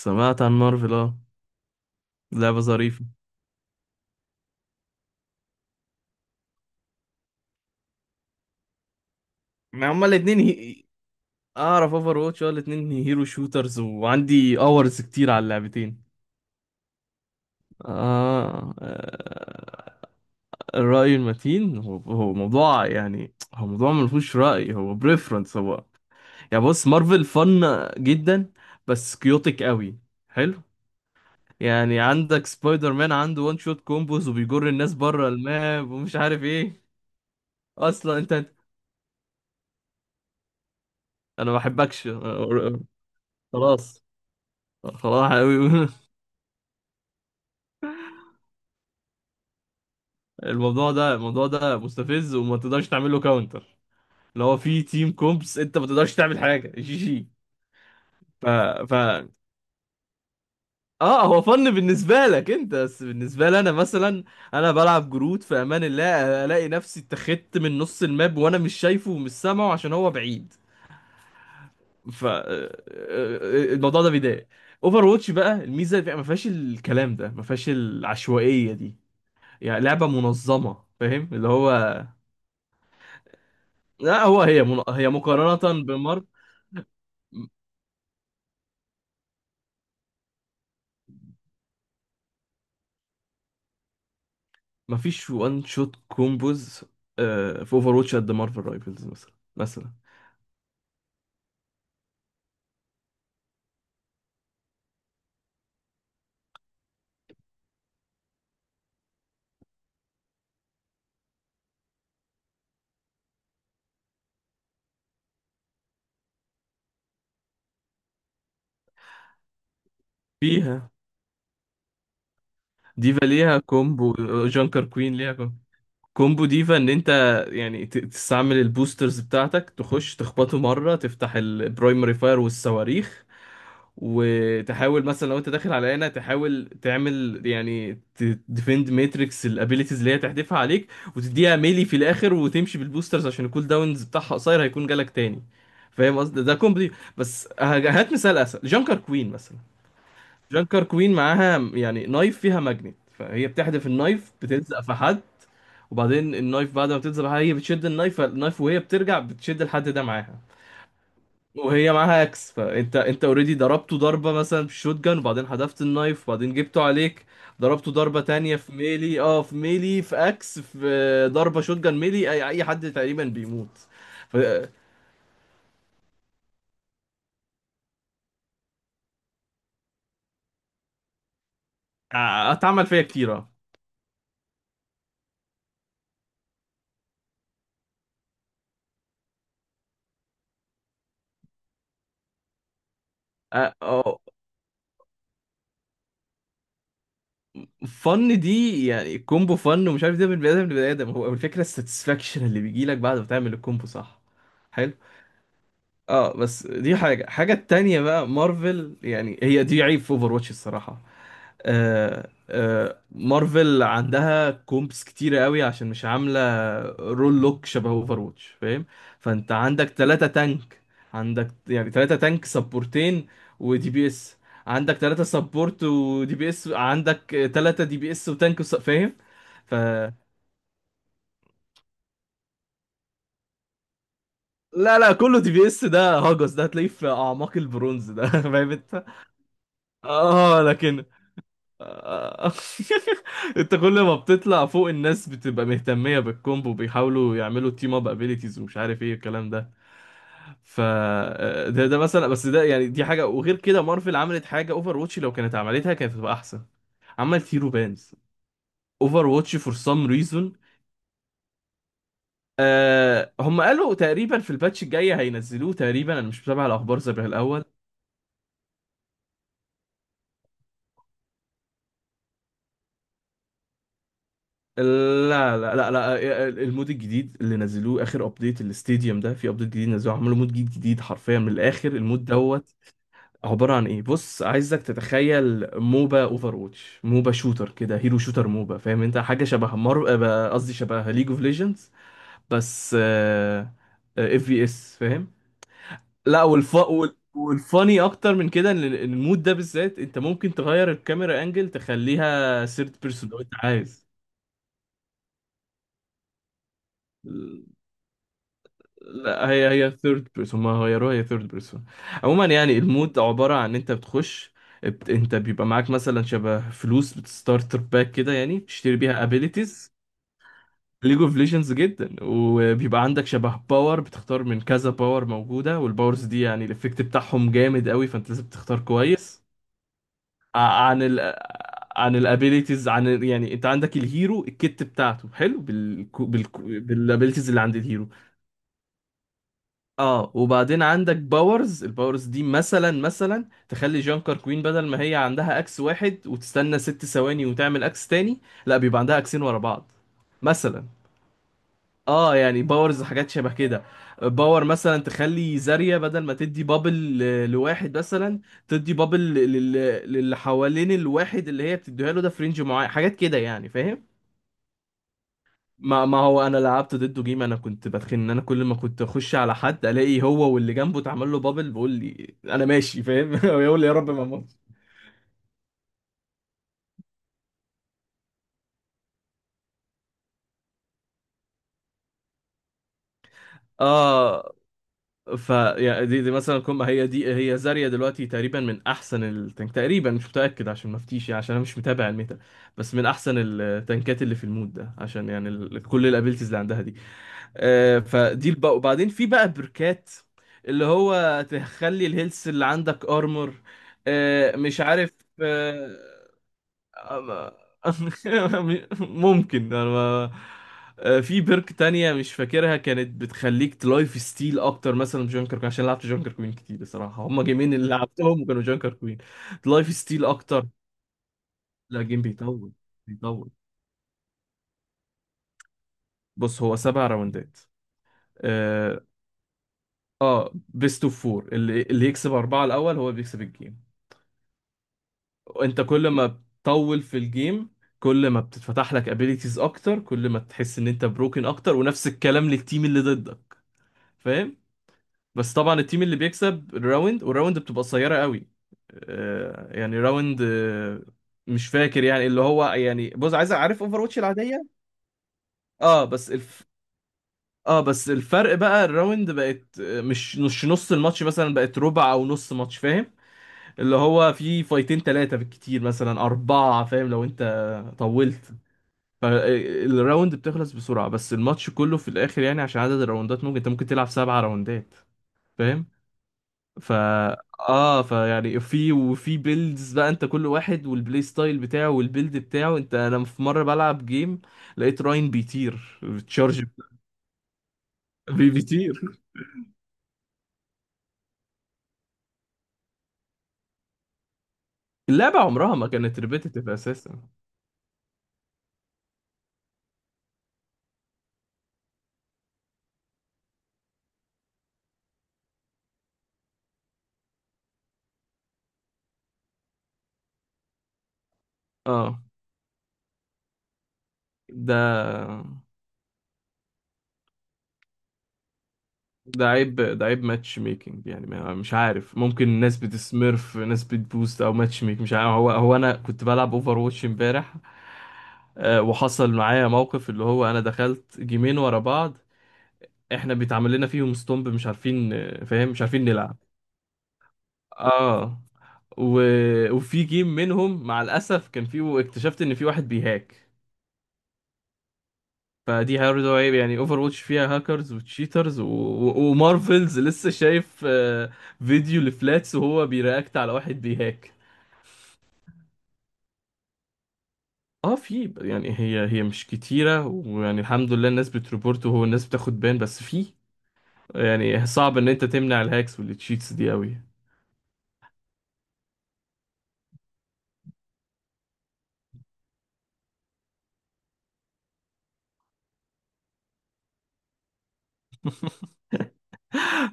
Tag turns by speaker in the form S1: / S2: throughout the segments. S1: سمعت عن مارفل، اه، لعبة ظريفة. ما هما الاتنين هي... اعرف اوفر واتش، اه، الاتنين هيرو شوترز وعندي اورز كتير على اللعبتين. آه. آه، الرأي المتين هو موضوع، يعني هو موضوع ما فيهوش رأي، هو بريفرنس. هو يعني بص مارفل فن جدا، بس كيوتك قوي. حلو. يعني عندك سبايدر مان عنده وان شوت كومبوز وبيجر الناس بره الماب ومش عارف ايه. اصلا انت انت- انا ما بحبكش. خلاص. خلاص يا حبيبي. الموضوع ده مستفز وما تقدرش تعمل له كاونتر، اللي هو في تيم كومبس انت ما تقدرش تعمل حاجه. جي جي. ف ف اه، هو فن بالنسبه لك انت، بس بالنسبه لي انا مثلا، انا بلعب جرود في امان الله الاقي نفسي اتخذت من نص الماب وانا مش شايفه ومش سامعه عشان هو بعيد. ف آه، آه، آه، الموضوع ده بيضايق. اوفر واتش بقى الميزه ما فيهاش الكلام ده، ما فيهاش العشوائيه دي، يعني لعبه منظمه، فاهم اللي هو. لا هو هي من... هي مقارنة بمارك، مفيش وان شوت كومبوز. في اوفر واتش قد مارفل رايفلز. مثلا فيها ديفا ليها كومبو، جانكر كوين ليها كومبو. كومبو ديفا ان انت يعني تستعمل البوسترز بتاعتك، تخش تخبطه مرة، تفتح البرايمري فاير والصواريخ، وتحاول مثلا لو انت داخل على لعنه تحاول تعمل يعني تديفند ماتريكس الابيليتيز اللي هي تحدفها عليك، وتديها ميلي في الاخر وتمشي بالبوسترز عشان الكول داونز بتاعها قصير هيكون جالك تاني. فاهم قصدي؟ ده كومبلي. بس هات مثال اسهل. جانكر كوين مثلا، جانكر كوين معاها يعني نايف، فيها ماجنت، فهي بتحدف النايف بتلزق في حد، وبعدين النايف بعد ما بتلزق في حد هي بتشد النايف، فالنايف وهي بترجع بتشد الحد ده معاها، وهي معاها اكس. فانت انت اوريدي ضربته ضربه مثلا بالشوت جان، وبعدين حذفت النايف، وبعدين جبته عليك، ضربته ضربه تانية في ميلي، اه في ميلي، في اكس، في ضربه شوت جان، ميلي، اي اي حد تقريبا بيموت. ف- اتعمل فيا كتير، اه. آه، آه، فن دي، يعني كومبو فن، ومش عارف ده من بني ادم لبني ادم، هو الفكره الساتسفاكشن اللي بيجي لك بعد ما تعمل الكومبو، صح. حلو. اه بس دي حاجه. حاجه التانية بقى مارفل، يعني هي دي عيب في اوفر واتش الصراحه. مارفل عندها كومبس كتيرة قوي عشان مش عاملة رول لوك شبه اوفر واتش، فاهم. فانت عندك تلاتة تانك، عندك يعني تلاتة تانك، سبورتين ودي بي اس. عندك تلاتة سبورت ودي بي اس، عندك تلاتة دي بي اس وتانك فاهم. ف لا لا، كله دي بي اس ده هاجس، ده هتلاقيه في اعماق البرونز ده. فاهم انت، اه. لكن انت كل ما بتطلع فوق الناس بتبقى مهتمية بالكومبو، بيحاولوا يعملوا تيم اب ابيليتيز ومش عارف ايه الكلام ده. ف آه، ده مثلا. بس ده يعني دي حاجة، وغير كده مارفل عملت حاجة اوفر واتش لو كانت عملتها كانت هتبقى احسن. عملت هيرو بانز. اوفر واتش فور سام ريزون، آه هم قالوا تقريبا في الباتش الجاي هينزلوه تقريبا، انا مش متابع الاخبار زي الاول. لا، المود الجديد اللي نزلوه اخر ابديت الاستاديوم ده، في ابديت جديد نزلوه عملوا مود جديد جديد حرفيا من الاخر، المود دوت. عباره عن ايه؟ بص عايزك تتخيل موبا اوفر واتش، موبا شوتر كده، هيرو شوتر موبا، فاهم انت، حاجه شبه مر آه، قصدي شبه ليج اوف ليجندز. بس اف في اس، فاهم. لا والف والفاني اكتر من كده، ان إن المود ده بالذات انت ممكن تغير الكاميرا انجل تخليها ثيرد بيرسون لو انت عايز. لا هي هي ثيرد بيرسون، ما غيروها، هي ثيرد بيرسون. عموما يعني المود عبارة عن انت بتخش، انت بيبقى معاك مثلا شبه فلوس، بتستارتر باك كده، يعني بتشتري بيها ابيليتيز. ليج اوف ليجندز جدا. وبيبقى عندك شبه باور، بتختار من كذا باور موجودة، والباورز دي يعني الافكت بتاعهم جامد قوي، فانت لازم تختار كويس. ع- عن ال عن الابيليتيز، يعني انت عندك الهيرو الكت بتاعته حلو بالابيليتيز اللي عند الهيرو. اه وبعدين عندك باورز، الباورز دي مثلا تخلي جانكر كوين بدل ما هي عندها اكس واحد وتستنى ست ثواني وتعمل اكس تاني، لا بيبقى عندها اكسين ورا بعض مثلا. اه يعني باورز حاجات شبه كده. باور مثلا تخلي زاريا بدل ما تدي بابل لواحد مثلا، تدي بابل للي حوالين الواحد اللي هي بتديها له، ده في رينج معين، حاجات كده يعني، فاهم. ما هو انا لعبت ضده جيم، انا كنت بتخن ان انا كل ما كنت اخش على حد الاقي هو واللي جنبه اتعمل له بابل، بيقول لي انا ماشي فاهم، يقول لي يا رب ما اموت. اه. ف يعني دي مثلا كم، هي دي هي زاريا دلوقتي تقريبا من احسن التانك، تقريبا مش متاكد عشان ما افتيش يعني، عشان انا مش متابع الميتا، بس من احسن التانكات اللي في المود ده عشان يعني كل الابيلتيز اللي عندها دي. فدي البقى، وبعدين في بقى بركات، اللي هو تخلي الهيلث اللي عندك ارمر، مش عارف آه، آه، ممكن انا ما- آه، في بيرك تانية مش فاكرها كانت بتخليك تلايف ستيل اكتر مثلا من جونكر كوين، عشان لعبت جونكر كوين كتير الصراحة، هما جيمين اللي لعبتهم وكانوا جونكر كوين. تلايف ستيل اكتر. لا، جيم بيطول. بيطول. بص، هو سبع راوندات آه، اه، بيست اوف فور، اللي يكسب أربعة الأول هو اللي بيكسب الجيم. وأنت كل ما بتطول في الجيم كل ما بتتفتح لك ابيليتيز أكتر، كل ما تحس إن أنت بروكن أكتر، ونفس الكلام للتيم اللي ضدك، فاهم. بس طبعا التيم اللي بيكسب الراوند، والراوند بتبقى قصيرة قوي. آه يعني راوند، آه مش فاكر يعني اللي هو يعني، بص عايز أعرف اوفر واتش العادية. اه بس الف... اه، بس الفرق بقى الراوند بقت مش مش نص الماتش مثلا، بقت ربع او نص ماتش، فاهم. اللي هو في فايتين ثلاثة بالكتير، مثلا أربعة، فاهم، لو أنت طولت. فالراوند بتخلص بسرعة، بس الماتش كله في الآخر يعني عشان عدد الراوندات ممكن أنت ممكن تلعب سبعة راوندات، فاهم. فا اه فيعني في وفي بيلدز بقى، انت كل واحد والبلاي ستايل بتاعه والبيلد بتاعه، انت انا في مره بلعب جيم لقيت راين بيطير بتشارج. بيطير. اللعبه عمرها ما كانت ريبيتيتيف اساسا. اه، ده ده عيب، ده عيب ماتش ميكنج يعني، مش عارف، ممكن ناس بتسميرف، ناس بتبوست، او ماتش ميك مش عارف، هو هو انا كنت بلعب اوفر واتش امبارح. وحصل معايا موقف اللي هو انا دخلت جيمين ورا بعض، احنا بيتعمل لنا فيهم ستومب مش عارفين، فاهم، مش عارفين نلعب. اه و... وفي جيم منهم مع الاسف كان فيه، اكتشفت ان في واحد بيهاك، فدي برضه عيب يعني. اوفر واتش فيها هاكرز وتشيترز ومارفلز لسه، شايف فيديو لفلاتس وهو بيرياكت على واحد بيهاك. اه، في يعني هي هي مش كتيرة، ويعني الحمد لله الناس بتريبورت وهو الناس بتاخد بان، بس في، يعني صعب ان انت تمنع الهاكس والتشيتس دي قوي. ما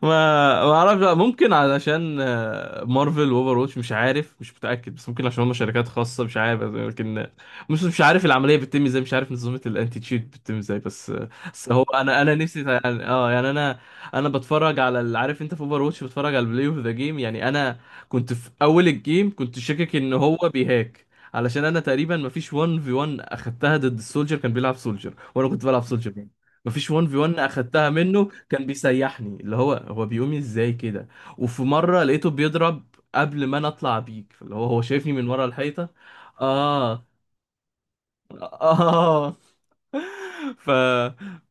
S1: ما اعرفش بقى، ممكن علشان مارفل واوفر واتش مش عارف، مش متاكد، بس ممكن عشان هم شركات خاصه مش عارف، لكن مش عارف العمليه بتتم ازاي، مش عارف نظام الانتي تشيت بتتم ازاي، بس بس هو انا انا نفسي يعني اه يعني انا، انا بتفرج على عارف انت في اوفر واتش بتفرج على البلاي اوف ذا جيم، يعني انا كنت في اول الجيم كنت شاكك ان هو بيهاك، علشان انا تقريبا مفيش 1 في 1 اخدتها ضد السولجر، كان بيلعب سولجر وانا كنت بلعب سولجر، مفيش 1 في 1 اخدتها منه، كان بيسيحني اللي هو هو بيقوم ازاي كده. وفي مره لقيته بيضرب قبل ما انا اطلع بيك، فاللي هو هو شايفني من ورا الحيطه. اه، اه. فمعايا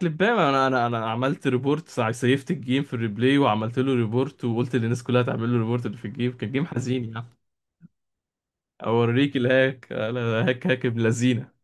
S1: كليبام. انا عملت ريبورت، سيفت الجيم في الريبلاي وعملت له ريبورت، وقلت للناس كلها تعمل له ريبورت اللي في الجيم، كان جيم حزين يعني. اوريك الهاك، الهاك، هاك هاك ابن لذينه.